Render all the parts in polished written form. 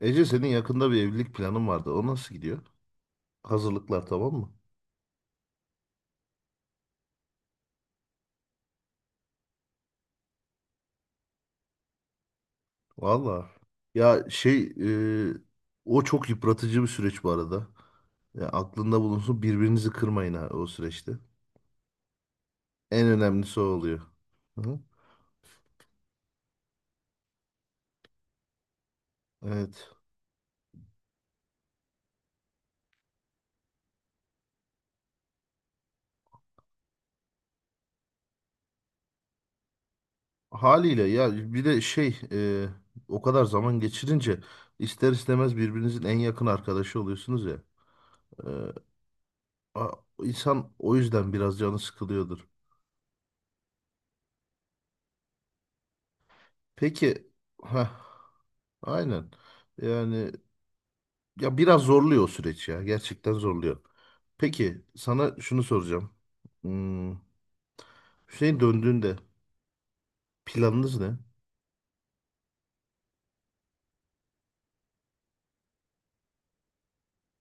Ece senin yakında bir evlilik planın vardı. O nasıl gidiyor? Hazırlıklar tamam mı? Valla. Ya şey e, o çok yıpratıcı bir süreç bu arada. Ya aklında bulunsun birbirinizi kırmayın ha o süreçte. En önemlisi o oluyor. Hı? Evet. Haliyle ya bir de şey o kadar zaman geçirince ister istemez birbirinizin en yakın arkadaşı oluyorsunuz ya. E, a- insan o yüzden biraz canı sıkılıyordur. Peki, ha, aynen. Yani ya biraz zorluyor o süreç ya. Gerçekten zorluyor. Peki sana şunu soracağım. Hmm, Hüseyin döndüğünde planınız ne?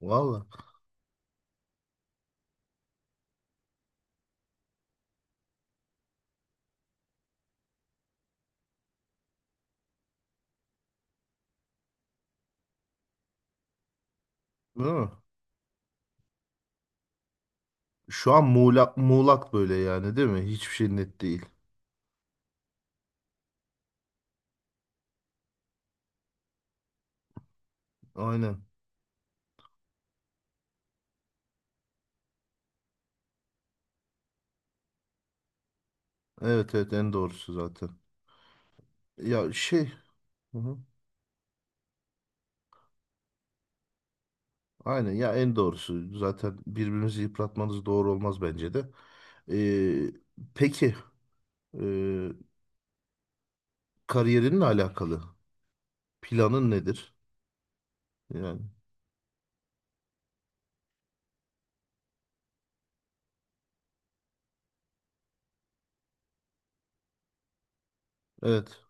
Valla. Değil mi? Şu an muğlak, muğlak böyle yani değil mi? Hiçbir şey net değil. Aynen. Evet, evet, en doğrusu zaten. Ya şey. Hı hı. Aynen ya, en doğrusu. Zaten birbirimizi yıpratmanız doğru olmaz bence de. Ee, peki. ee, Kariyerinle alakalı. Planın nedir? Yani evet.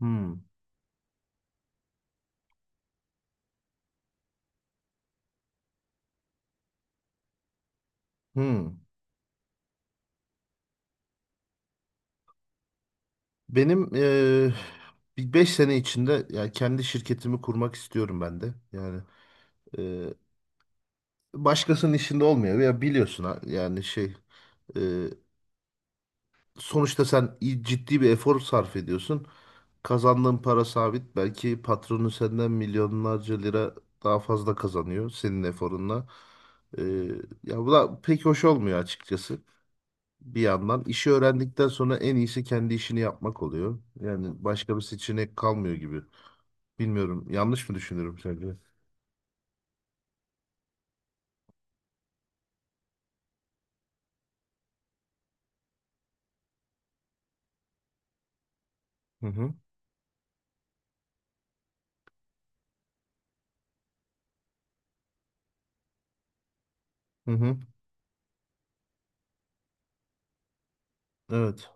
Hmm. Hmm. Benim bir 5 sene içinde yani kendi şirketimi kurmak istiyorum ben de. Yani eee, başkasının işinde olmuyor ya, biliyorsun, yani şey eee, sonuçta sen ciddi bir efor sarf ediyorsun. Kazandığın para sabit. Belki patronu senden milyonlarca lira daha fazla kazanıyor senin eforunla. Eee, ya bu da pek hoş olmuyor açıkçası. Bir yandan işi öğrendikten sonra en iyisi kendi işini yapmak oluyor. Yani başka bir seçenek kalmıyor gibi. Bilmiyorum. Yanlış mı düşünüyorum sence? Hı hı. Hı hı. Evet.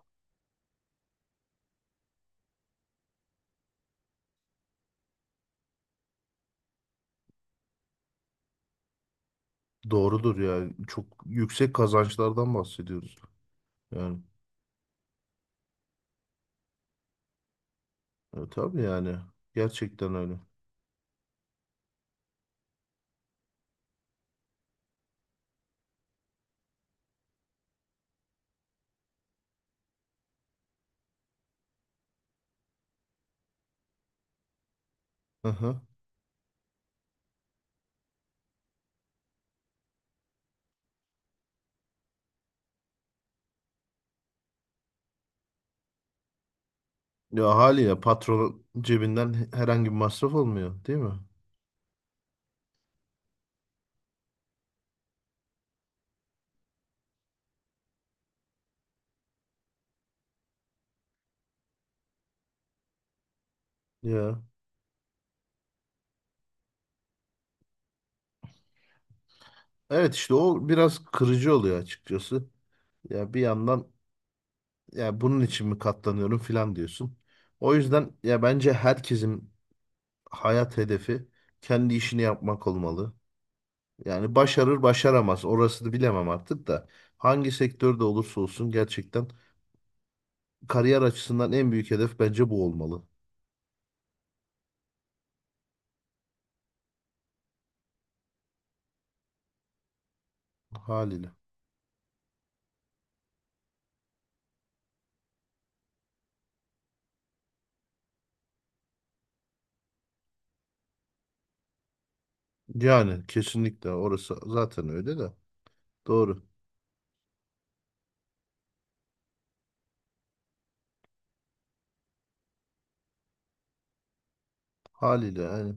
Doğrudur yani. Çok yüksek kazançlardan bahsediyoruz. Yani tabii yani. Gerçekten öyle. Hı hı. Ya haliyle patron cebinden herhangi bir masraf olmuyor, değil mi? Ya. Evet, işte o biraz kırıcı oluyor açıkçası. Ya bir yandan ya bunun için mi katlanıyorum filan diyorsun. O yüzden ya, bence herkesin hayat hedefi kendi işini yapmak olmalı. Yani başarır başaramaz orasını bilemem artık da hangi sektörde olursa olsun gerçekten kariyer açısından en büyük hedef bence bu olmalı, haliyle. Yani kesinlikle orası zaten öyle de doğru, haliyle yani.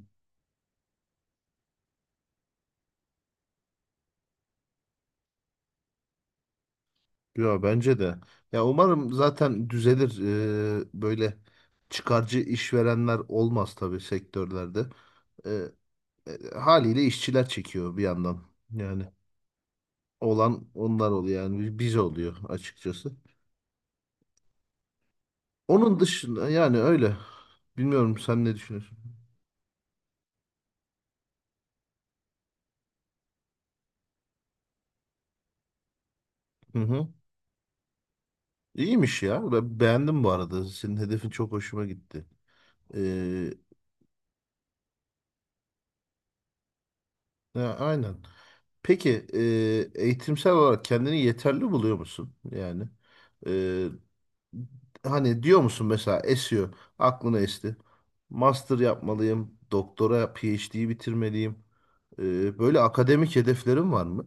Ya bence de. Ya umarım zaten düzelir, böyle çıkarcı işverenler olmaz tabii sektörlerde. Haliyle işçiler çekiyor bir yandan. Yani olan onlar oluyor yani, biz oluyor açıkçası. Onun dışında yani öyle. Bilmiyorum, sen ne düşünüyorsun? Hı hı. İyiymiş ya. Ben beğendim bu arada. Senin hedefin çok hoşuma gitti. Ee, ya, aynen. Peki, eğitimsel olarak kendini yeterli buluyor musun? Yani e, hani diyor musun mesela, esiyor. Aklına esti. Master yapmalıyım. Doktora PhD'yi bitirmeliyim. Böyle akademik hedeflerin var mı?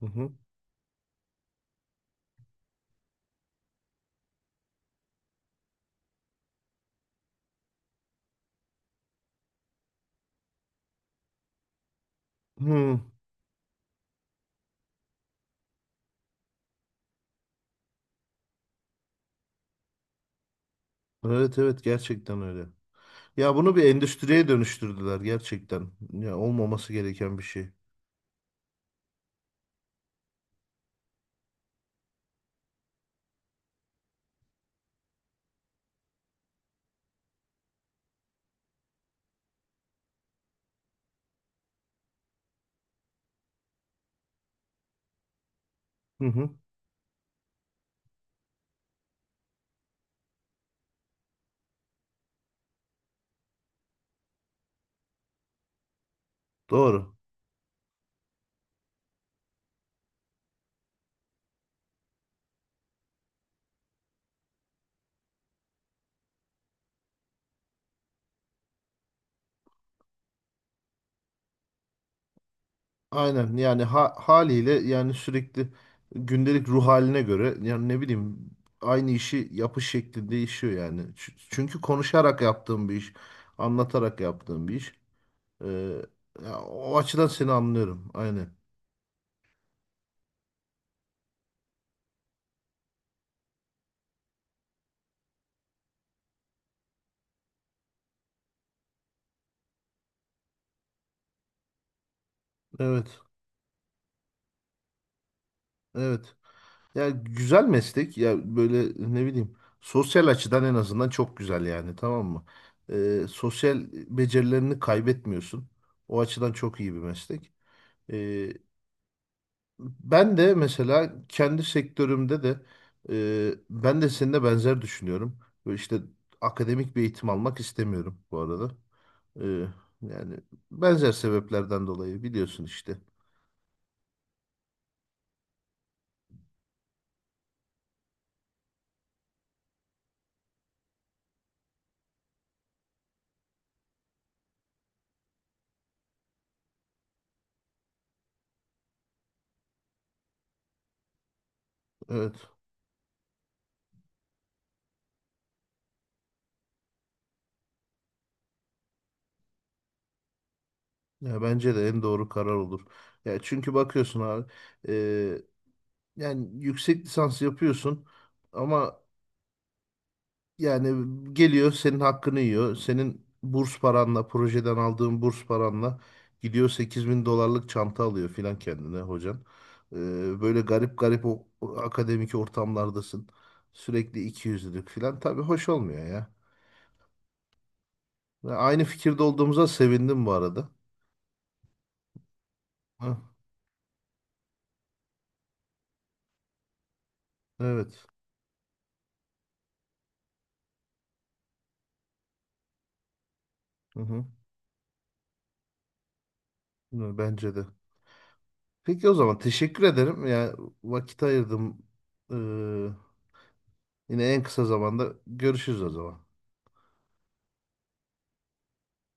Hı hı. Hı. Evet, evet, gerçekten öyle. Ya bunu bir endüstriye dönüştürdüler gerçekten. Ya olmaması gereken bir şey. Hı hı. Doğru. Aynen yani, haliyle yani sürekli gündelik ruh haline göre yani, ne bileyim, aynı işi yapış şekli değişiyor yani. Çünkü konuşarak yaptığım bir iş, anlatarak yaptığım bir iş. Ee, ya o açıdan seni anlıyorum. Aynen. Evet. Evet. Ya güzel meslek ya, böyle, ne bileyim, sosyal açıdan en azından çok güzel yani, tamam mı? Sosyal becerilerini kaybetmiyorsun. O açıdan çok iyi bir meslek. Ee, ben de mesela kendi sektörümde de ben de seninle benzer düşünüyorum. Böyle işte akademik bir eğitim almak istemiyorum bu arada. Ee, yani benzer sebeplerden dolayı biliyorsun işte. Evet. Ya bence de en doğru karar olur. Ya çünkü bakıyorsun abi. Yani yüksek lisans yapıyorsun ama yani geliyor senin hakkını yiyor. Senin burs paranla, projeden aldığın burs paranla gidiyor 8.000 dolarlık çanta alıyor filan kendine hocan. Ee, böyle garip garip o akademik ortamlardasın. Sürekli ikiyüzlülük filan. Tabii hoş olmuyor ya. Ve aynı fikirde olduğumuza sevindim bu arada. Hı, evet. Hı hı. Bence de. Peki, o zaman teşekkür ederim. Yani vakit ayırdım. Ee, Yine en kısa zamanda görüşürüz o zaman.